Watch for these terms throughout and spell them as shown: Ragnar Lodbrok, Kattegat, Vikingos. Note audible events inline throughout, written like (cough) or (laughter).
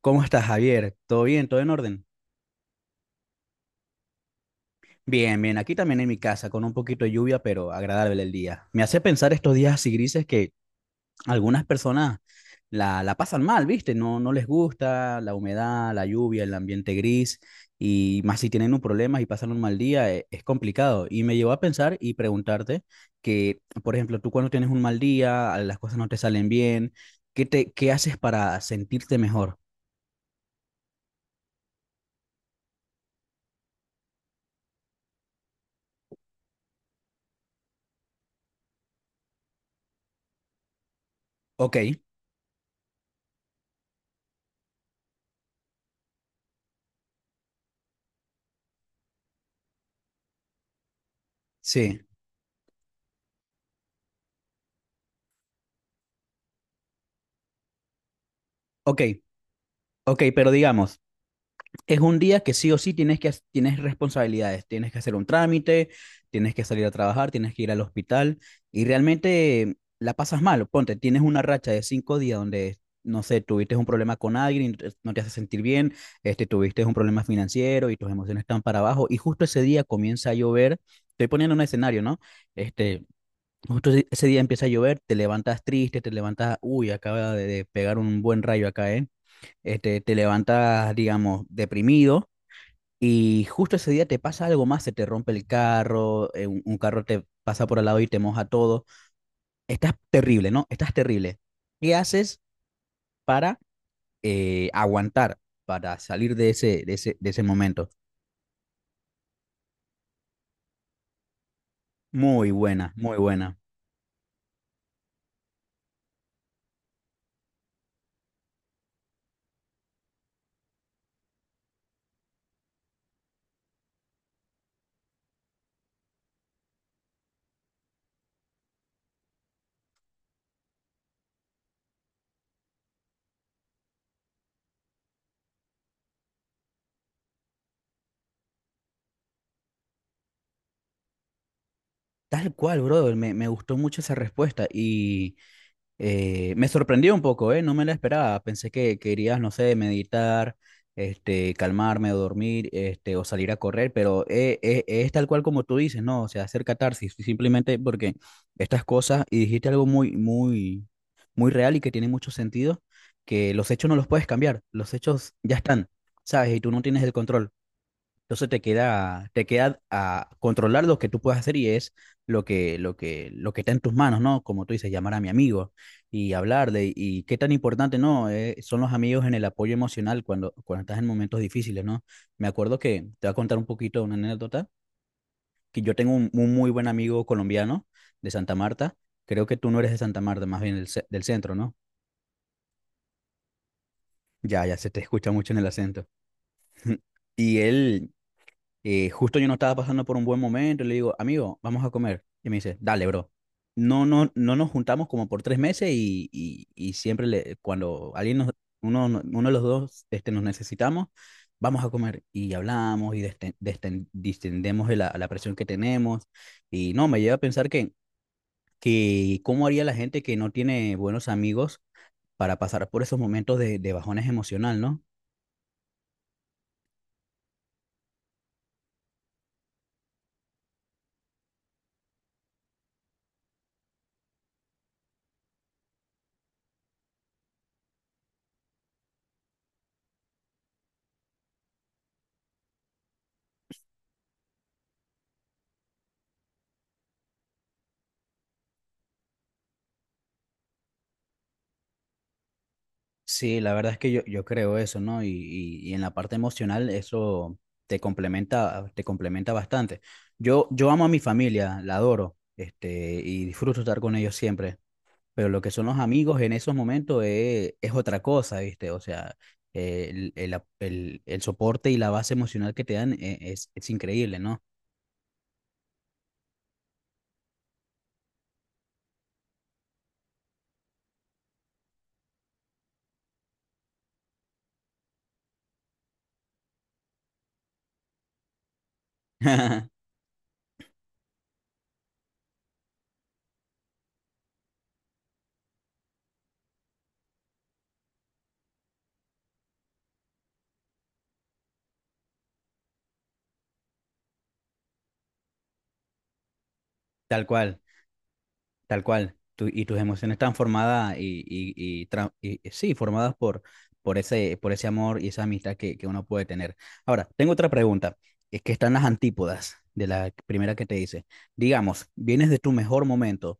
¿Cómo estás, Javier? ¿Todo bien? ¿Todo en orden? Bien, bien. Aquí también en mi casa, con un poquito de lluvia, pero agradable el día. Me hace pensar estos días así grises que algunas personas la pasan mal, ¿viste? No, no les gusta la humedad, la lluvia, el ambiente gris, y más si tienen un problema y pasan un mal día, es, complicado. Y me llevó a pensar y preguntarte que, por ejemplo, tú cuando tienes un mal día, las cosas no te salen bien, ¿qué haces para sentirte mejor? Ok, sí, ok. Ok, pero digamos, es un día que sí o sí tienes responsabilidades, tienes que hacer un trámite, tienes que salir a trabajar, tienes que ir al hospital y realmente la pasas mal. Ponte, tienes una racha de 5 días donde no sé, tuviste un problema con alguien, y no te hace sentir bien, este, tuviste un problema financiero y tus emociones están para abajo y justo ese día comienza a llover. Estoy poniendo un escenario, ¿no? Este, justo ese día empieza a llover, te levantas triste, te levantas, uy, acaba de pegar un buen rayo acá, ¿eh? Este, te levantas, digamos, deprimido, y justo ese día te pasa algo más, se te rompe el carro, un carro te pasa por al lado y te moja todo. Estás terrible, ¿no? Estás terrible. ¿Qué haces para aguantar, para salir de ese momento? Muy buena, muy buena. Tal cual, brother, me gustó mucho esa respuesta y me sorprendió un poco, ¿eh? No me la esperaba. Pensé que querías, no sé, meditar, este, calmarme o dormir, este, o salir a correr, pero es tal cual como tú dices, ¿no? O sea, hacer catarsis, simplemente porque estas cosas, y dijiste algo muy, muy, muy real y que tiene mucho sentido, que los hechos no los puedes cambiar, los hechos ya están, ¿sabes? Y tú no tienes el control. Entonces te queda a controlar lo que tú puedes hacer y es lo que está en tus manos, ¿no? Como tú dices, llamar a mi amigo y hablarle. Y qué tan importante, ¿no? Son los amigos en el apoyo emocional cuando estás en momentos difíciles, ¿no? Me acuerdo que te voy a contar un poquito una anécdota, que yo tengo un muy buen amigo colombiano de Santa Marta. Creo que tú no eres de Santa Marta, más bien del centro, ¿no? Ya, ya se te escucha mucho en el acento. (laughs) Y él, Justo yo no estaba pasando por un buen momento y le digo, amigo, vamos a comer. Y me dice, dale, bro. No, no, no nos juntamos como por 3 meses y siempre le, cuando alguien nos, uno, no, uno de los dos este, nos necesitamos, vamos a comer y hablamos y distendemos de la presión que tenemos. Y no, me lleva a pensar que cómo haría la gente que no tiene buenos amigos para pasar por esos momentos de bajones emocional, ¿no? Sí, la verdad es que yo creo eso, ¿no? Y en la parte emocional eso te complementa bastante. Yo amo a mi familia, la adoro, este, y disfruto estar con ellos siempre, pero lo que son los amigos en esos momentos es otra cosa, ¿viste? O sea, el soporte y la base emocional que te dan es increíble, ¿no? (laughs) Tal cual. Tal cual. Y tus emociones están formadas y sí, formadas por, por ese amor y esa amistad que uno puede tener. Ahora, tengo otra pregunta, es que están las antípodas de la primera que te hice. Digamos, vienes de tu mejor momento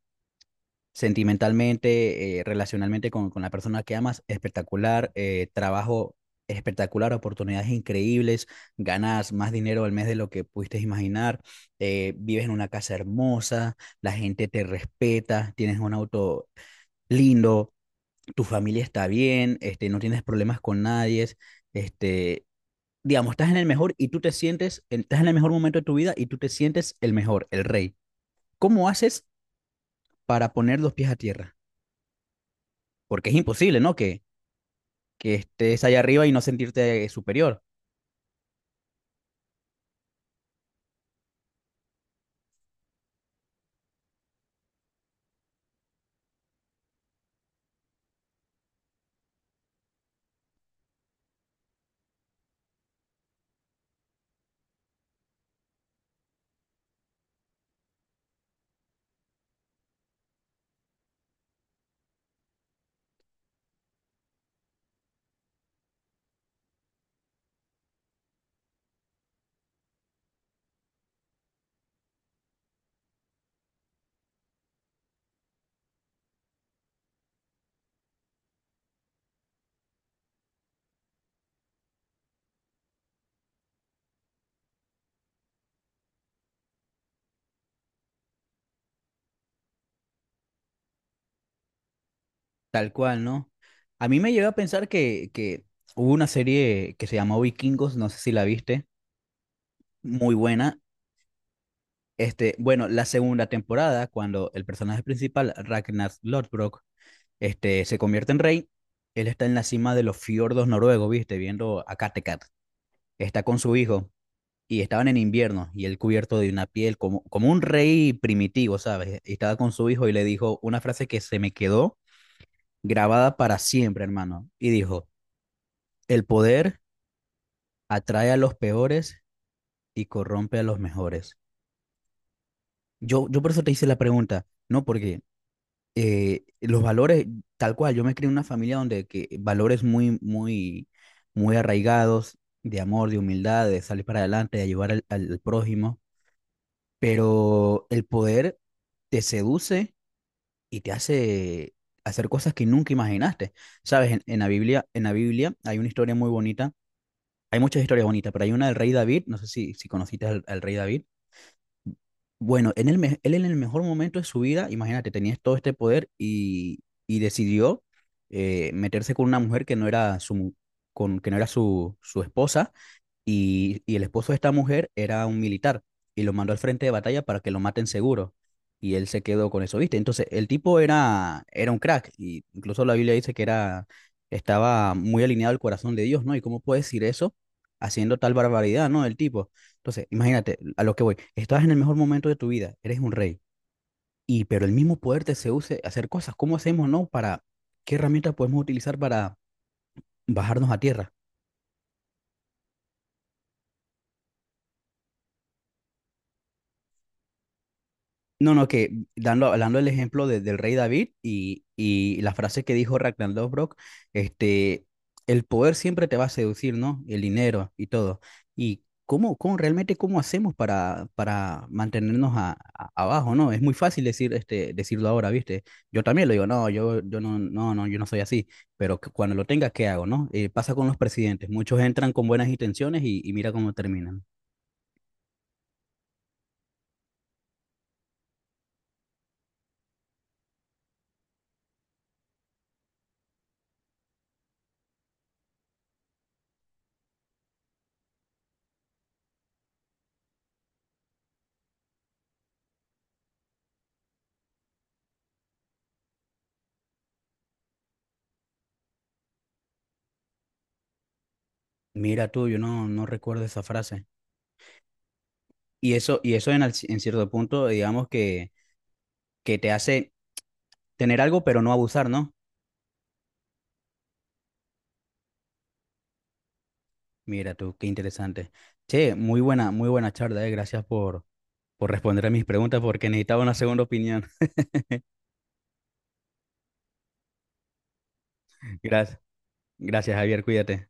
sentimentalmente, relacionalmente con la persona que amas, espectacular, trabajo espectacular, oportunidades increíbles, ganas más dinero al mes de lo que pudiste imaginar, vives en una casa hermosa, la gente te respeta, tienes un auto lindo, tu familia está bien, este, no tienes problemas con nadie, este, digamos, estás en el mejor y tú te sientes, estás en el mejor momento de tu vida y tú te sientes el mejor, el rey. ¿Cómo haces para poner los pies a tierra? Porque es imposible, ¿no? Que estés allá arriba y no sentirte superior, tal cual, ¿no? A mí me lleva a pensar que hubo una serie que se llamó Vikingos, no sé si la viste, muy buena. Este, bueno, la segunda temporada, cuando el personaje principal, Ragnar Lodbrok, este, se convierte en rey, él está en la cima de los fiordos noruegos, ¿viste? Viendo a Kattegat. Está con su hijo y estaban en invierno y él cubierto de una piel como un rey primitivo, ¿sabes? Y estaba con su hijo y le dijo una frase que se me quedó grabada para siempre, hermano. Y dijo, el poder atrae a los peores y corrompe a los mejores. Yo por eso te hice la pregunta, ¿no? Porque los valores, tal cual, yo me crié en una familia donde que valores muy, muy, muy arraigados de amor, de humildad, de salir para adelante, de ayudar al prójimo. Pero el poder te seduce y te hace hacer cosas que nunca imaginaste. Sabes, en la Biblia hay una historia muy bonita, hay muchas historias bonitas, pero hay una del rey David, no sé si conociste al rey David. Bueno, él en el mejor momento de su vida, imagínate, tenía todo este poder y decidió meterse con una mujer que no era su, con, que no era su esposa y el esposo de esta mujer era un militar y lo mandó al frente de batalla para que lo maten seguro. Y él se quedó con eso, ¿viste? Entonces, el tipo era un crack. Y incluso la Biblia dice que era, estaba muy alineado al corazón de Dios, ¿no? ¿Y cómo puede decir eso haciendo tal barbaridad, ¿no? El tipo. Entonces, imagínate, a lo que voy. Estás en el mejor momento de tu vida, eres un rey. Y, pero el mismo poder te seduce a hacer cosas. ¿Cómo hacemos, no? Para, ¿qué herramientas podemos utilizar para bajarnos a tierra? No, no, que dando, hablando el ejemplo del rey David y la frase que dijo Ragnar Lothbrok, este, el poder siempre te va a seducir, ¿no? El dinero y todo. ¿Y cómo realmente cómo hacemos para, mantenernos abajo, ¿no? Es muy fácil decir, este, decirlo ahora, ¿viste? Yo también lo digo, no, yo no, no, no, yo no soy así, pero cuando lo tenga, ¿qué hago, no? Pasa con los presidentes, muchos entran con buenas intenciones y mira cómo terminan. Mira tú, yo no recuerdo esa frase. Y eso en cierto punto, digamos que te hace tener algo, pero no abusar, ¿no? Mira tú, qué interesante. Che, muy buena charla. Gracias por responder a mis preguntas porque necesitaba una segunda opinión. (laughs) Gracias, gracias, Javier, cuídate.